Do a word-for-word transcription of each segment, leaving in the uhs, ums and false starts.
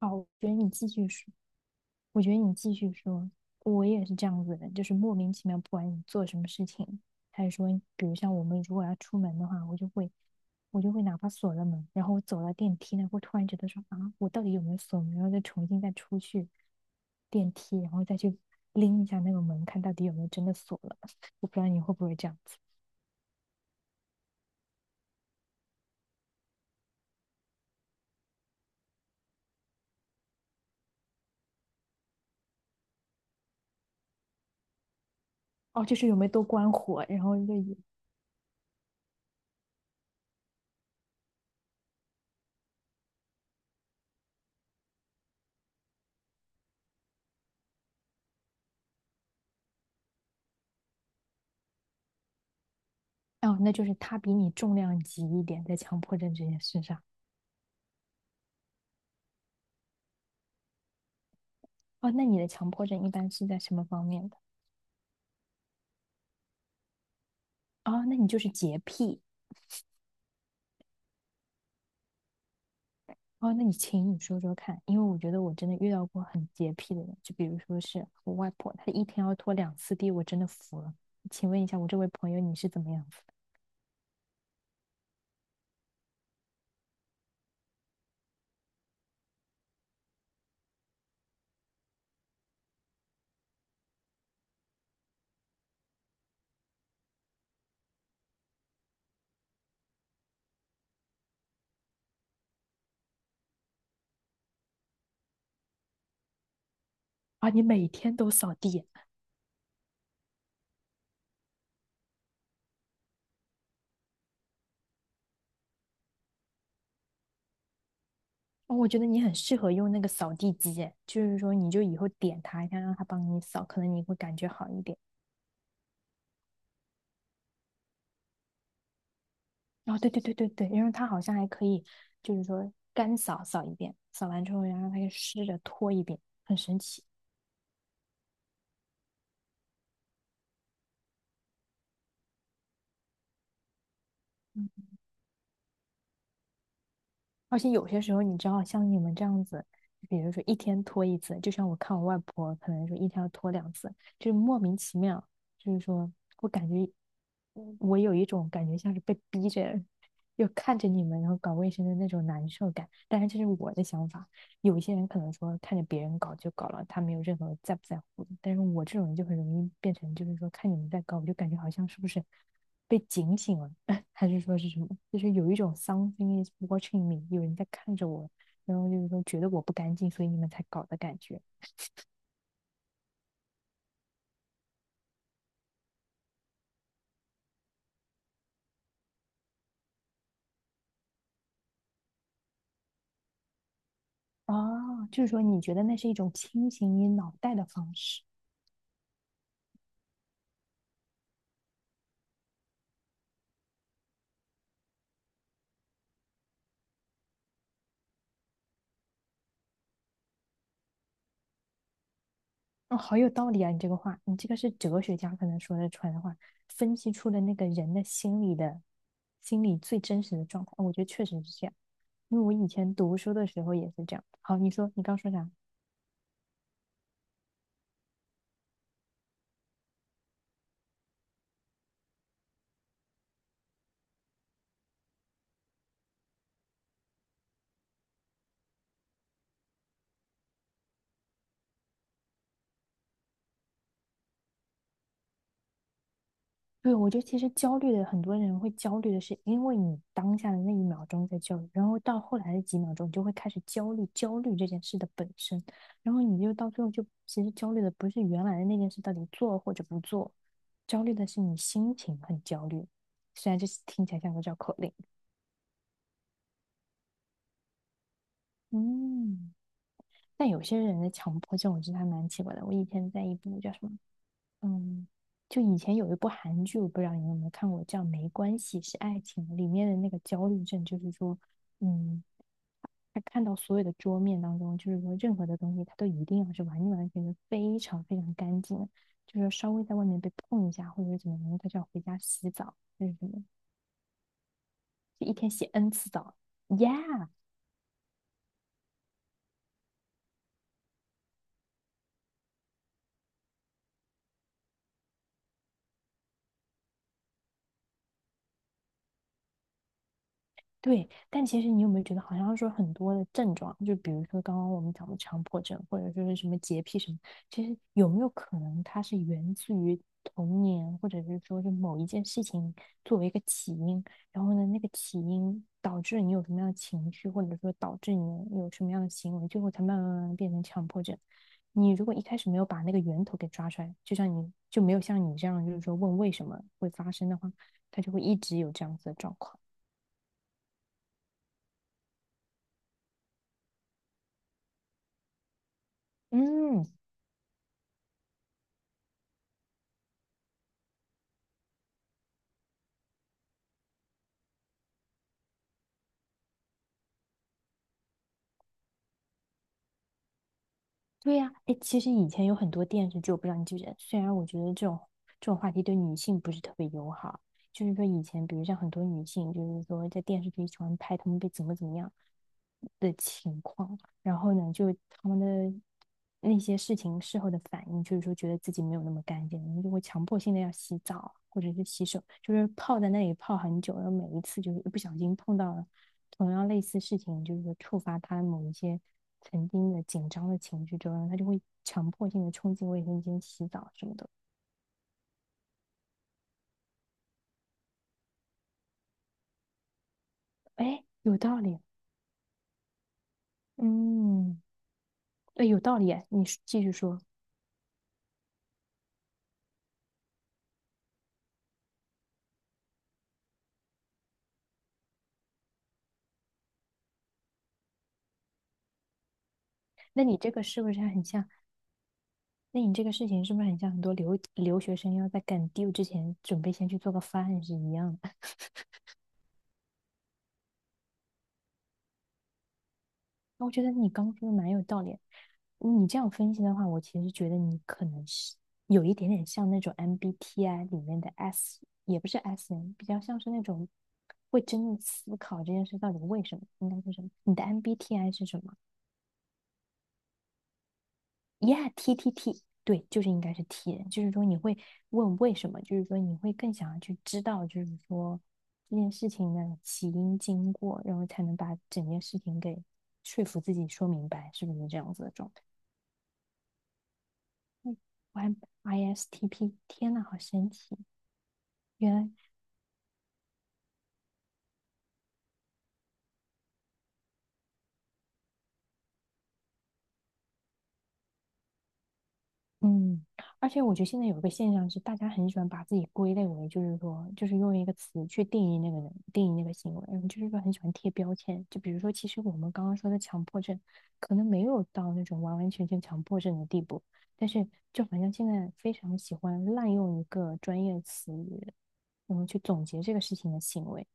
好，我觉得你继续说。我觉得你继续说，我也是这样子的人就是莫名其妙，不管你做什么事情，还是说，比如像我们如果要出门的话，我就会，我就会哪怕锁了门，然后我走到电梯那会突然觉得说啊，我到底有没有锁门，然后再重新再出去电梯，然后再去拎一下那个门，看到底有没有真的锁了。我不知道你会不会这样子，哦，就是有没有多关火，然后就也，哦，那就是他比你重量级一点，在强迫症这件事上。哦，那你的强迫症一般是在什么方面的？哦，那你就是洁癖。哦，那你请你说说看，因为我觉得我真的遇到过很洁癖的人，就比如说是我外婆，她一天要拖两次地，我真的服了。请问一下，我这位朋友你是怎么样子的？啊，你每天都扫地，哦，我觉得你很适合用那个扫地机耶就是说你就以后点它一下，让它帮你扫，可能你会感觉好一点。哦，对对对对对，然后它好像还可以，就是说干扫扫一遍，扫完之后然后它又湿着拖一遍，很神奇。而且有些时候，你知道，像你们这样子，比如说一天拖一次，就像我看我外婆，可能说一天要拖两次，就是莫名其妙，就是说我感觉，嗯我有一种感觉像是被逼着，又看着你们然后搞卫生的那种难受感。但是这是我的想法，有一些人可能说看着别人搞就搞了，他没有任何在不在乎的。但是我这种人就很容易变成，就是说看你们在搞，我就感觉好像是不是被警醒了。还是说是什么？就是有一种 something is watching me,有人在看着我，然后就是说觉得我不干净，所以你们才搞的感觉。哦，就是说你觉得那是一种清醒你脑袋的方式。哦，好有道理啊！你这个话，你这个是哲学家可能说的出来的话，分析出了那个人的心理的心理最真实的状态。哦我觉得确实是这样，因为我以前读书的时候也是这样。好，你说你刚说啥？对，我觉得其实焦虑的很多人会焦虑的是，因为你当下的那一秒钟在焦虑，然后到后来的几秒钟，你就会开始焦虑焦虑这件事的本身，然后你就到最后就其实焦虑的不是原来的那件事到底做或者不做，焦虑的是你心情很焦虑。虽然这是听起来像个绕口令，嗯，但有些人的强迫症我觉得还蛮奇怪的。我以前在一部叫什么嗯，就以前有一部韩剧，我不知道你有没有看过，叫《没关系是爱情》，里面的那个焦虑症，就是说，嗯，他看到所有的桌面当中，就是说任何的东西，他都一定要是完完全全非常非常干净的，就是稍微在外面被碰一下或者是怎么样，他就要回家洗澡，就是什么，就一天洗 N 次澡，Yeah,对，但其实你有没有觉得，好像说很多的症状，就比如说刚刚我们讲的强迫症，或者说是什么洁癖什么，其实有没有可能它是源自于童年，或者是说是某一件事情作为一个起因，然后呢，那个起因导致你有什么样的情绪，或者说导致你有什么样的行为，最后才慢慢慢慢变成强迫症。你如果一开始没有把那个源头给抓出来，就像你就没有像你这样，就是说问为什么会发生的话，它就会一直有这样子的状况。嗯，对呀，哎，其实以前有很多电视剧，我不知道你记不记得。虽然我觉得这种这种话题对女性不是特别友好，就是说以前，比如像很多女性，就是说在电视剧喜欢拍她们被怎么怎么样的情况，然后呢，就她们的那些事情事后的反应，就是说觉得自己没有那么干净，然后就会强迫性的要洗澡或者是洗手，就是泡在那里泡很久，然后每一次就是一不小心碰到了同样类似事情，就是说触发他某一些曾经的紧张的情绪之后，他就会强迫性的冲进卫生间洗澡什么的。哎，有道理，嗯，哎，有道理。你继续说，那你这个是不是很像？那你这个事情是不是很像很多留留学生要在赶 due 之前准备先去做个饭是一样的？我觉得你刚说的蛮有道理。你这样分析的话，我其实觉得你可能是有一点点像那种 M B T I 里面的 S,也不是 S n 比较像是那种会真的思考这件事到底为什么，应该是什么。你的 M B T I 是什么？Yeah，T T T，对，就是应该是 T 人，就是说你会问为什么，就是说你会更想要去知道，就是说这件事情的起因经过，然后才能把整件事情给说服自己说明白，是不是这样子的状态？嗯，Y I S T P,天呐，好神奇！原来，嗯，而且我觉得现在有一个现象是，大家很喜欢把自己归类为，就是说，就是用一个词去定义那个人，定义那个行为，就是说很喜欢贴标签。就比如说，其实我们刚刚说的强迫症，可能没有到那种完完全全强迫症的地步，但是就好像现在非常喜欢滥用一个专业词语，然后去总结这个事情的行为。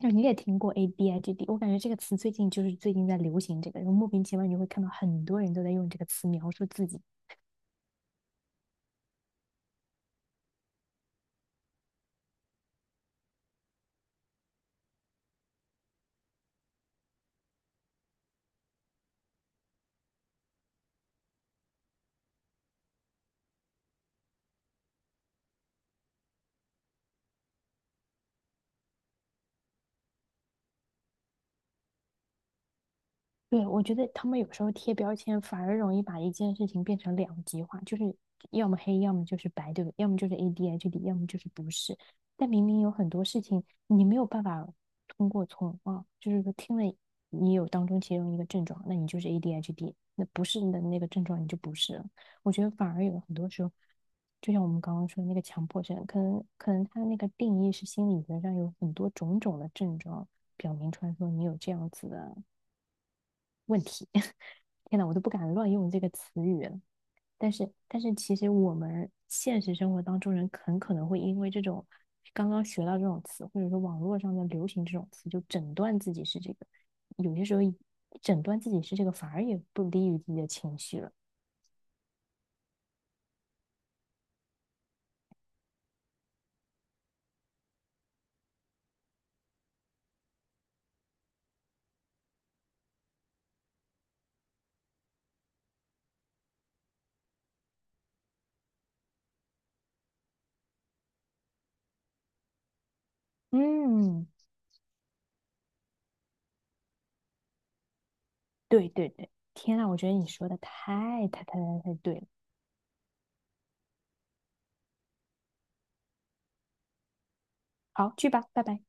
就你也听过 A B I G D,我感觉这个词最近就是最近在流行这个，然后莫名其妙你会看到很多人都在用这个词描述自己。对，我觉得他们有时候贴标签反而容易把一件事情变成两极化，就是要么黑，要么就是白，对不对？要么就是 A D H D,要么就是不是。但明明有很多事情你没有办法通过从啊，就是说听了你有当中其中一个症状，那你就是 A D H D,那不是你的那个症状你就不是了。我觉得反而有很多时候，就像我们刚刚说的那个强迫症，可能可能他那个定义是心理学上有很多种种的症状表明出来说你有这样子的。问题。天呐，我都不敢乱用这个词语了。但是，但是其实我们现实生活当中人很可能会因为这种刚刚学到这种词，或者说网络上的流行这种词，就诊断自己是这个。有些时候诊断自己是这个，反而也不利于自己的情绪了。嗯，对对对，天呐，我觉得你说的太太太太太对了。好，去吧，拜拜。